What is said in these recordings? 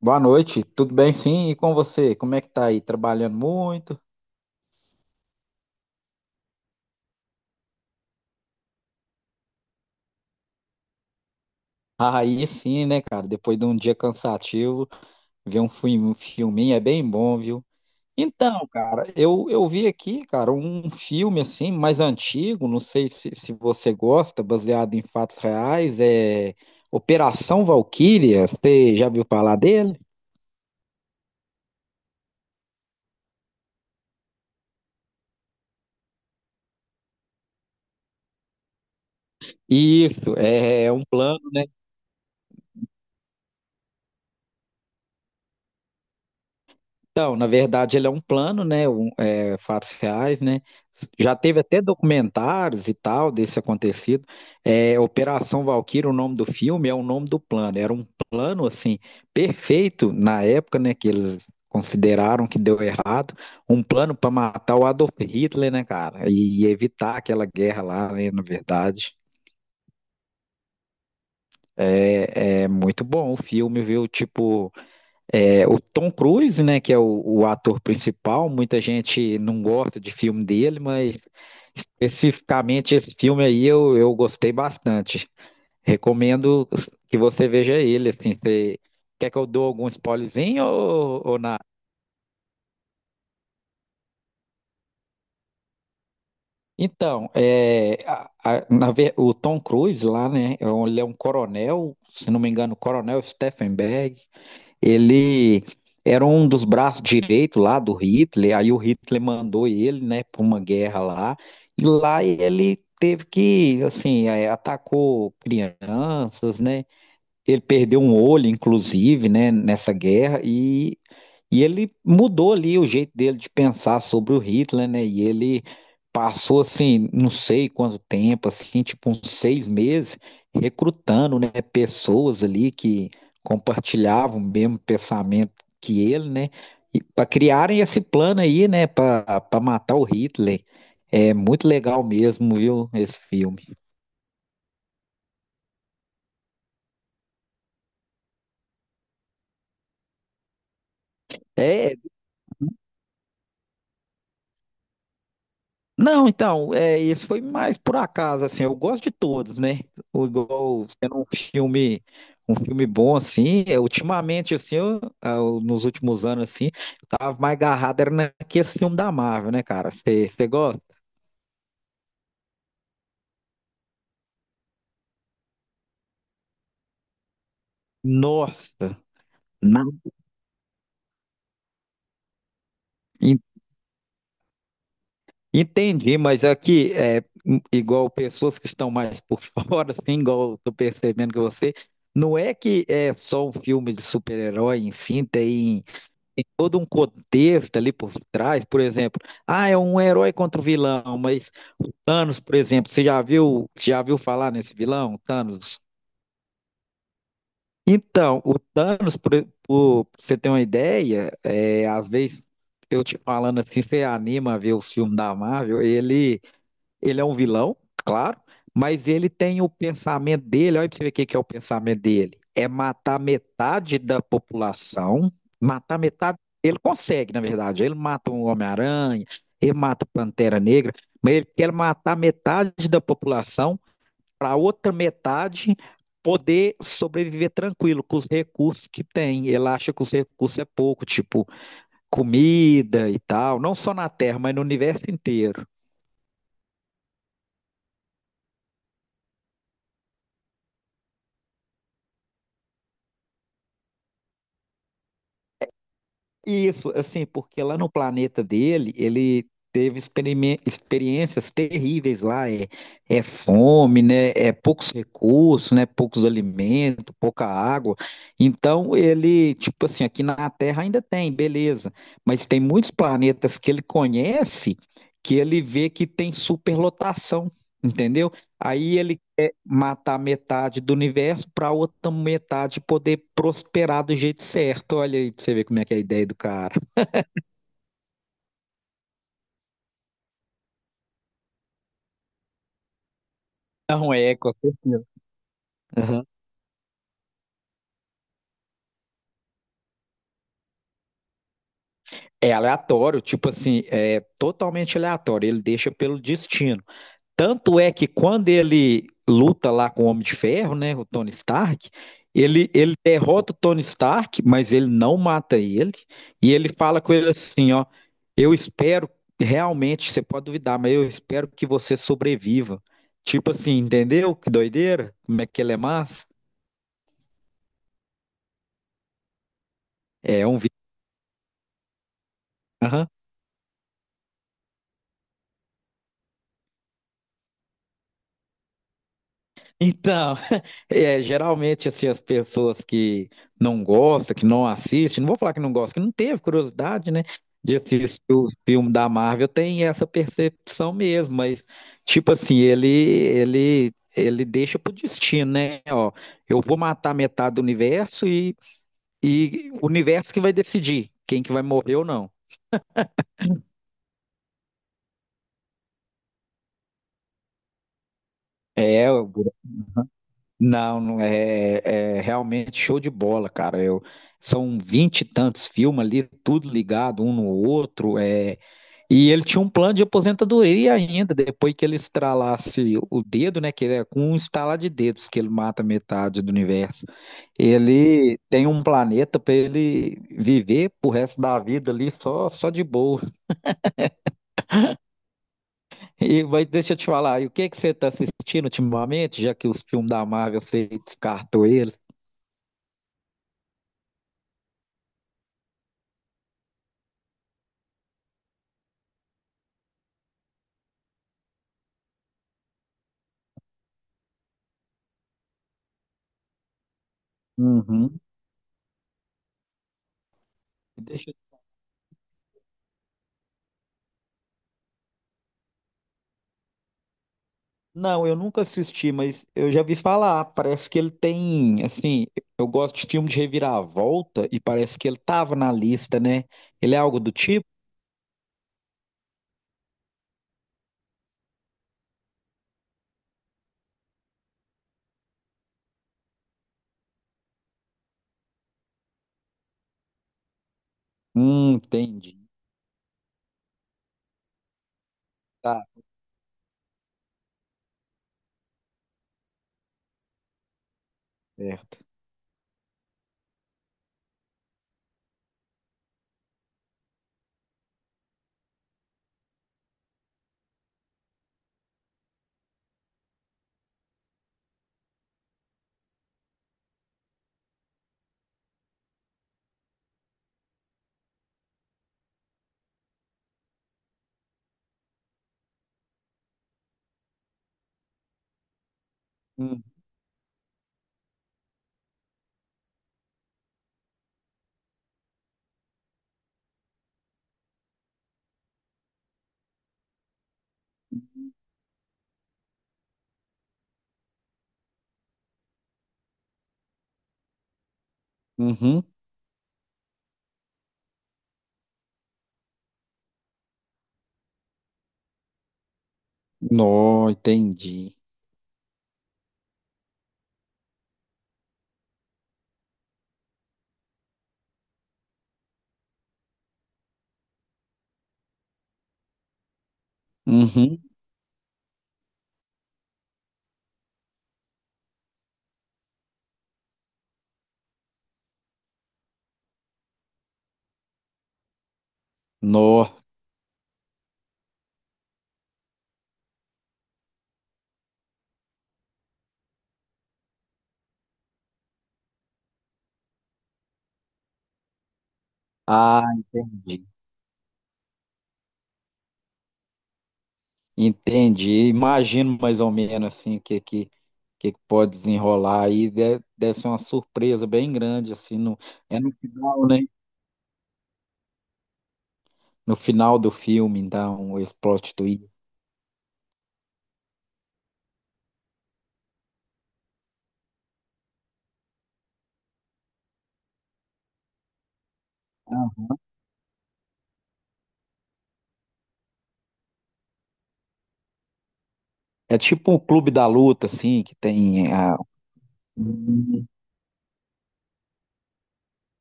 Boa noite, tudo bem sim? E com você? Como é que tá aí? Trabalhando muito? Aí sim, né, cara? Depois de um dia cansativo, ver um filminho é bem bom, viu? Então, cara, eu vi aqui, cara, um filme assim, mais antigo, não sei se você gosta, baseado em fatos reais, é Operação Valquíria. Você já viu falar dele? Isso, é um plano. Então, na verdade, ele é um plano, né? Fatos reais, né? Já teve até documentários e tal desse acontecido. É, Operação Valquíria, o nome do filme, é o nome do plano. Era um plano, assim, perfeito na época, né? Que eles consideraram que deu errado. Um plano para matar o Adolf Hitler, né, cara? E evitar aquela guerra lá, né? Na verdade. É, é muito bom o filme, viu? Tipo. É, o Tom Cruise, né, que é o ator principal, muita gente não gosta de filme dele, mas especificamente esse filme aí eu gostei bastante. Recomendo que você veja ele, assim, quer que eu dou algum spoilerzinho ou nada? Então, é, o Tom Cruise lá, né, ele é um coronel, se não me engano, coronel Steffenberg. Ele era um dos braços direitos lá do Hitler, aí o Hitler mandou ele, né, para uma guerra lá, e lá ele teve que, assim, é, atacou crianças, né? Ele perdeu um olho, inclusive, né, nessa guerra, e ele mudou ali o jeito dele de pensar sobre o Hitler, né? E ele passou, assim, não sei quanto tempo, assim, tipo uns 6 meses, recrutando, né, pessoas ali que compartilhavam o mesmo pensamento que ele, né? E para criarem esse plano aí, né, para matar o Hitler. É muito legal mesmo, viu, esse filme. É. Não, então, é, esse foi mais por acaso, assim, eu gosto de todos, né? O, igual sendo um filme bom, assim, é, ultimamente, assim, eu, ah, nos últimos anos, assim, eu tava mais agarrado, era naquele filme da Marvel, né, cara? Você gosta? Nossa, não. en- Entendi, mas aqui, é, igual pessoas que estão mais por fora, assim, igual eu tô percebendo que você, não é que é só um filme de super-herói em si, tem todo um contexto ali por trás, por exemplo, ah, é um herói contra o vilão, mas o Thanos, por exemplo, você já viu falar nesse vilão, Thanos? Então, o Thanos, pra você ter uma ideia, é, às vezes eu te falando assim, você anima a ver o filme da Marvel, ele é um vilão, claro, mas ele tem o pensamento dele. Olha pra você ver o que que é o pensamento dele. É matar metade da população. Matar metade. Ele consegue, na verdade. Ele mata um Homem-Aranha, ele mata o Pantera Negra, mas ele quer matar metade da população para outra metade poder sobreviver tranquilo com os recursos que tem. Ele acha que os recursos é pouco, tipo comida e tal, não só na Terra, mas no universo inteiro. Isso, assim, porque lá no planeta dele, ele teve experiências terríveis lá, é, é fome, né, é poucos recursos, né, poucos alimentos, pouca água. Então ele, tipo assim, aqui na Terra ainda tem, beleza, mas tem muitos planetas que ele conhece que ele vê que tem superlotação, entendeu? Aí ele matar metade do universo para outra metade poder prosperar do jeito certo. Olha aí pra você ver como é que é a ideia do cara. Não é, com certeza. Aham. É aleatório, tipo assim, é totalmente aleatório. Ele deixa pelo destino. Tanto é que quando ele luta lá com o Homem de Ferro, né, o Tony Stark, ele derrota o Tony Stark, mas ele não mata ele. E ele fala com ele assim, ó, eu espero realmente, você pode duvidar, mas eu espero que você sobreviva. Tipo assim, entendeu? Que doideira? Como é que ele é massa? É um vídeo. Então, é, geralmente assim, as pessoas que não gostam, que não assistem, não vou falar que não gostam, que não teve curiosidade, né, de assistir o filme da Marvel, tem essa percepção mesmo, mas tipo assim, ele deixa pro destino, né? Ó, eu vou matar metade do universo e o universo que vai decidir quem que vai morrer ou não. É. Não, não é, é realmente show de bola, cara. Eu, são vinte e tantos filmes ali, tudo ligado um no outro. É, e ele tinha um plano de aposentadoria ainda, depois que ele estralasse o dedo, né? Que ele é com um estalar de dedos que ele mata metade do universo. Ele tem um planeta para ele viver pro resto da vida ali só, só de boa. E vai, deixa eu te falar, e o que que você está assistindo ultimamente, já que os filmes da Marvel você descartou ele? Uhum. Deixa... Não, eu nunca assisti, mas eu já vi falar. Parece que ele tem, assim, eu gosto de filme de reviravolta e parece que ele tava na lista, né? Ele é algo do tipo? Entendi. Tá certo. Hum. Uhum. Nó, entendi. Uhum. Nó. Ah, entendi. Entendi. Imagino mais ou menos assim o que que pode desenrolar aí. Deve ser uma surpresa bem grande assim no é no final, né? No final do filme, dá um ex-prostituído. É tipo um clube da luta, assim, que tem a...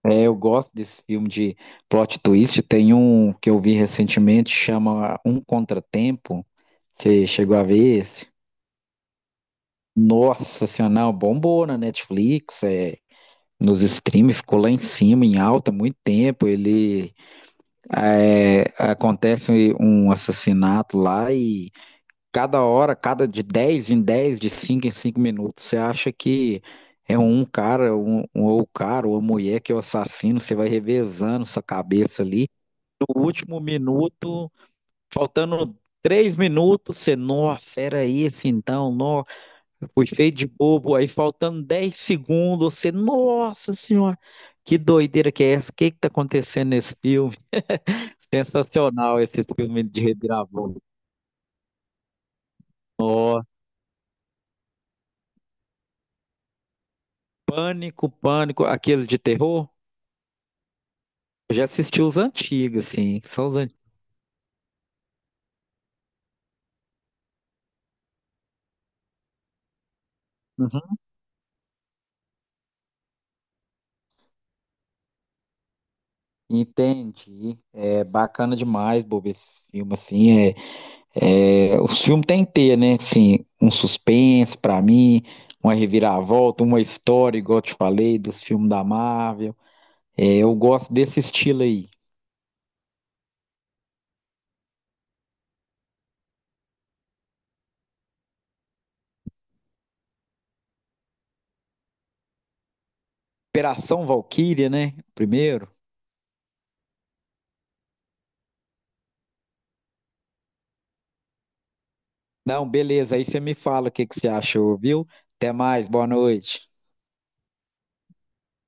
Eu gosto desse filme de plot twist. Tem um que eu vi recentemente, chama Um Contratempo. Você chegou a ver esse? Nossa Senhora, não, bombou na Netflix, é, nos streams, ficou lá em cima, em alta, muito tempo. Ele é, acontece um assassinato lá e cada hora, cada de 10 em 10 de 5 em 5 minutos. Você acha que é um cara, ou o cara, ou a mulher que é o assassino, você vai revezando sua cabeça ali. O último minuto, faltando 3 minutos, você, nossa, era esse então, nossa, fui feio de bobo. Aí faltando 10 segundos, você, nossa senhora, que doideira que é essa? O que que tá acontecendo nesse filme? Sensacional esse filme de reviravolta. Ó, pânico, pânico, aquele de terror? Eu já assisti os antigos, assim, só os antigos. Entendi. É bacana demais, Bob, esse filme, assim, é, os filmes tem que ter, né, assim, um suspense pra mim, uma reviravolta, uma história, igual eu te falei, dos filmes da Marvel. É, eu gosto desse estilo aí. Operação Valkyria, né, primeiro? Não, beleza, aí você me fala o que que você achou, viu? Até mais, boa noite.